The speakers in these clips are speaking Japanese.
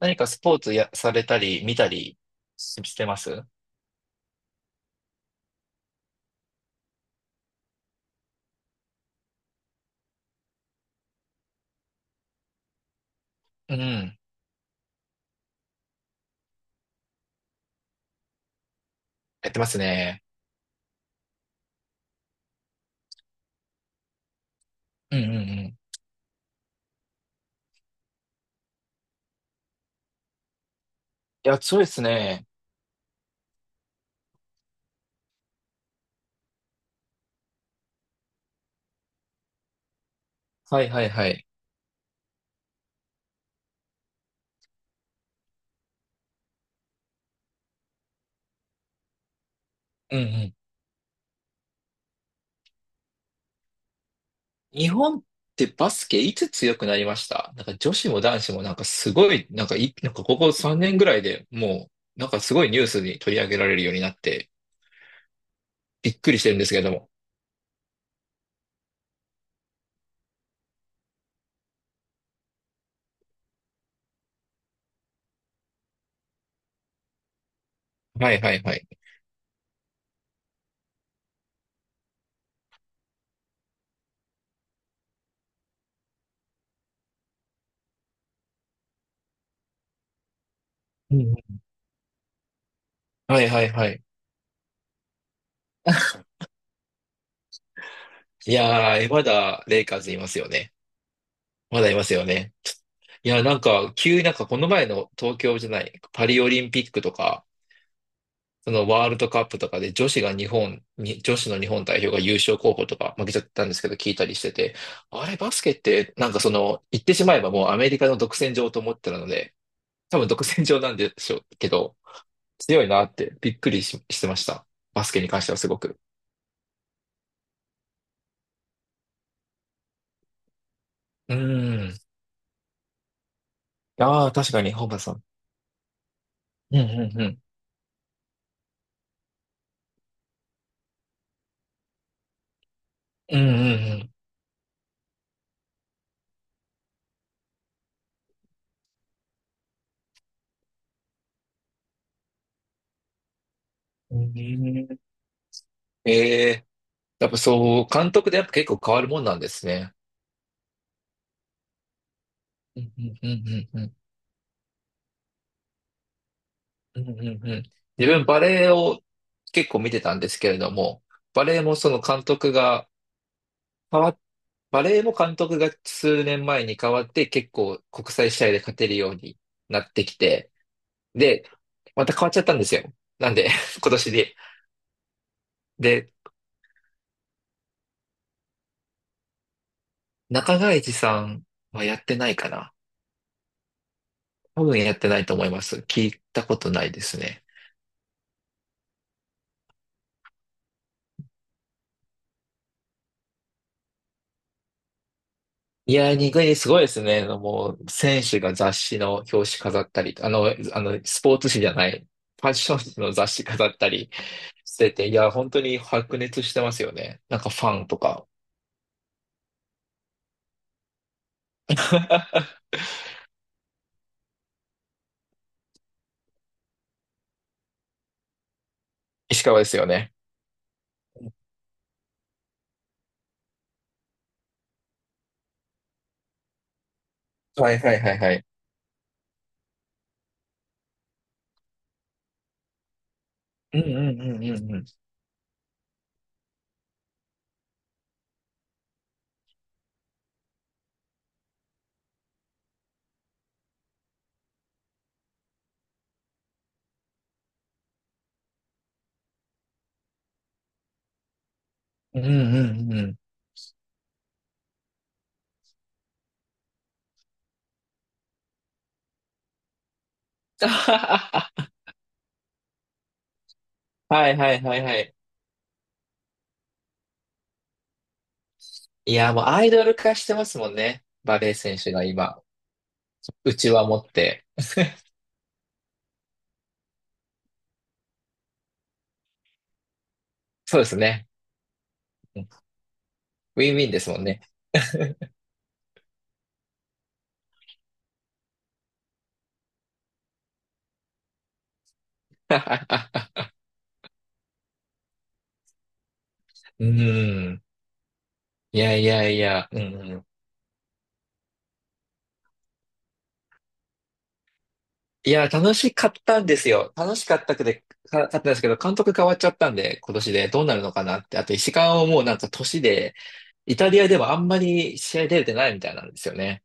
何かスポーツや、されたり、見たりしてます。うん。やってますね。うんうんうん。いや、そうですね。はいはいはい。うんうん。日本ってバスケいつ強くなりました？なんか女子も男子もなんかすごい、なんかここ3年ぐらいでもう、なんかすごいニュースに取り上げられるようになって、びっくりしてるんですけれども。はいはいはい。うんうん。はいはいはい。いやー、まだレイカーズいますよね。まだいますよね。いや、なんか、急になんかこの前の東京じゃない、パリオリンピックとか、そのワールドカップとかで女子が日本に、女子の日本代表が優勝候補とか負けちゃったんですけど聞いたりしてて、あれバスケってなんかその、言ってしまえばもうアメリカの独占場と思ってたので、多分独占場なんでしょうけど、強いなってびっくりし、してました。バスケに関してはすごく。うーん。ああ、確かに、ホーバスさん。うんうんうん。うんうんうん。うん。ええ。やっぱそう、監督でやっぱ結構変わるもんなんですね。うんうんうんうん。うんうんうんうん。自分バレエを結構見てたんですけれども、バレエもその監督が変わバレエも監督が数年前に変わって結構国際試合で勝てるようになってきて、で、また変わっちゃったんですよ。なんで、今年で。で、中川一さんはやってないかな。多分やってないと思います。聞いたことないですね。いやー、ニグニすごいですね。もう、選手が雑誌の表紙飾ったり、スポーツ誌じゃない、ファッション誌の雑誌飾ったりしてて、いやー、本当に白熱してますよね。なんかファンとか。石川ですよね。はいはいはいはい。うんうんうんうんうん。うんうんうん。はいはいはいはい。いやー、もうアイドル化してますもんね。バレー選手が今、うちわ持って。そうですね。ウィンウィンですもんね。うん。いやいやいや、うんうん。いや、楽しかったんですよ。楽しかったくて、か、かったんですけど、監督変わっちゃったんで、今年でどうなるのかなって。あと、石川をもうなんか年で、イタリアではあんまり試合出れてないみたいなんですよね。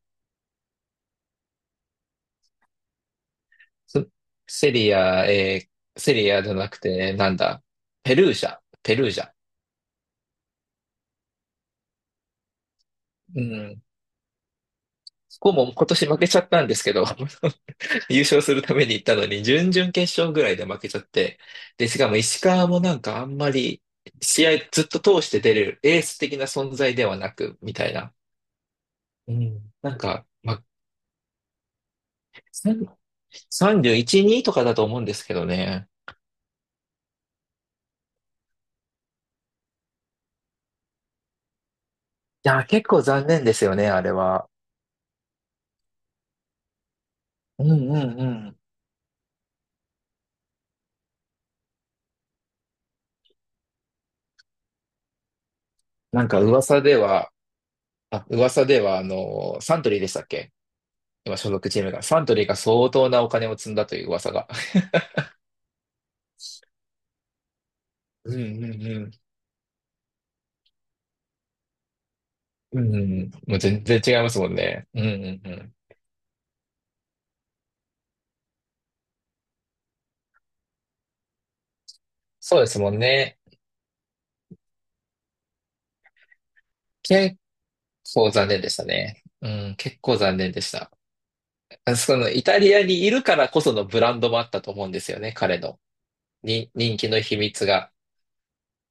そセリア、セリアじゃなくて、なんだ、ペルージャ。うん。ここも今年負けちゃったんですけど、優勝するために行ったのに、準々決勝ぐらいで負けちゃって、で、しかも石川もなんかあんまり、試合ずっと通して出れるエース的な存在ではなく、みたいな。うん。なんか、まあ、31、2とかだと思うんですけどね。いや、結構残念ですよね、あれは。うんうんうん。なんか噂では、噂では、あの、サントリーでしたっけ、今所属チームが。サントリーが相当なお金を積んだという噂が。うんうんうん。うん、もう全然違いますもんね。うん、うん、うん。そうですもんね。結構残念でしたね。うん、結構残念でした。あその、イタリアにいるからこそのブランドもあったと思うんですよね、彼の。に、人気の秘密が。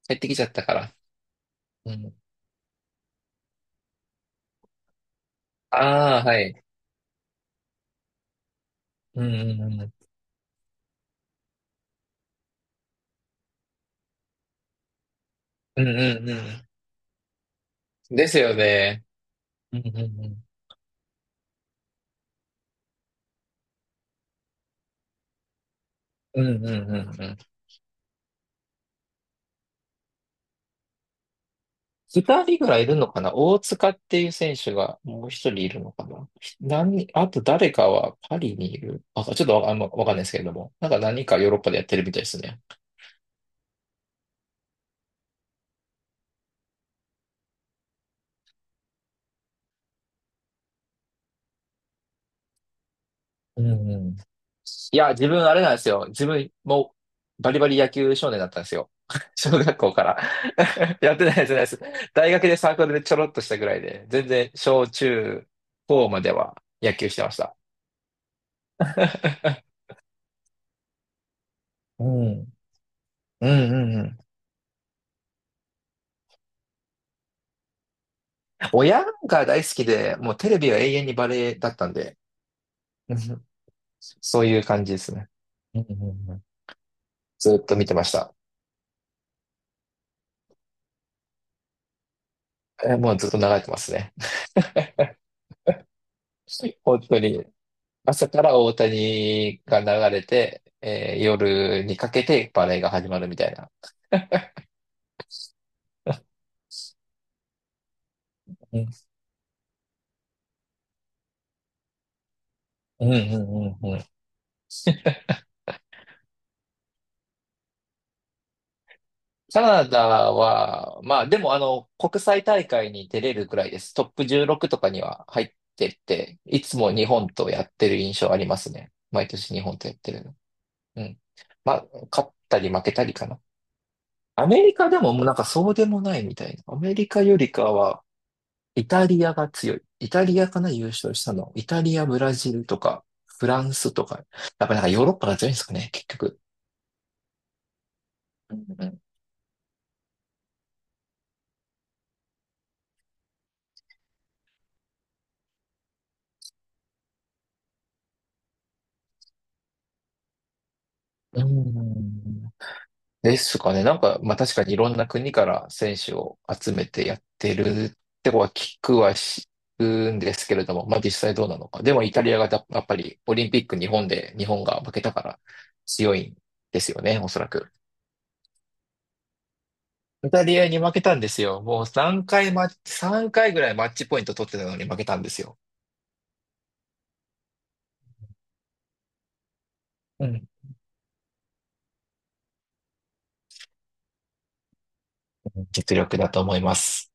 減ってきちゃったから。うん。ああ、はい。うん、うん、うん。うん、うん、うん。ですよね。うん、うん、うん。うん、うん、うん。うん。二人ぐらいいるのかな。大塚っていう選手がもう一人いるのかな。何、あと誰かはパリにいる。あ、ちょっとわ、あんまわかんないですけれども。なんか何かヨーロッパでやってるみたいですね。うんうん。いや、自分あれなんですよ。自分もバリバリ野球少年だったんですよ。小学校から やってないです、やってないです。大学でサークルでちょろっとしたぐらいで、全然小中高までは野球してました。うん。うんうんうん。親が大好きで、もうテレビは永遠にバレエだったんで、うん、そういう感じですね。うんうんうん。ずっと見てました。えーもうずっと流れてますね。本当に。朝から大谷が流れて、えー夜にかけてバレエが始まるみたいな。うんうんうんうんうん。カナダは、まあでもあの、国際大会に出れるくらいです。トップ16とかには入ってって、いつも日本とやってる印象ありますね。毎年日本とやってる。うん。ま、勝ったり負けたりかな。アメリカでももうなんかそうでもないみたいな。アメリカよりかは、イタリアが強い。イタリアかな、優勝したの。イタリア、ブラジルとか、フランスとか。やっぱなんかヨーロッパが強いんですかね、結局。うんうん。うん。ですかね。なんか、まあ確かにいろんな国から選手を集めてやってるってことは聞くんですけれども、まあ実際どうなのか。でもイタリアがやっぱりオリンピック日本で日本が負けたから強いんですよね、おそらく。イタリアに負けたんですよ。もう3回マッチ、3回ぐらいマッチポイント取ってたのに負けたんですよ。うん。実力だと思います。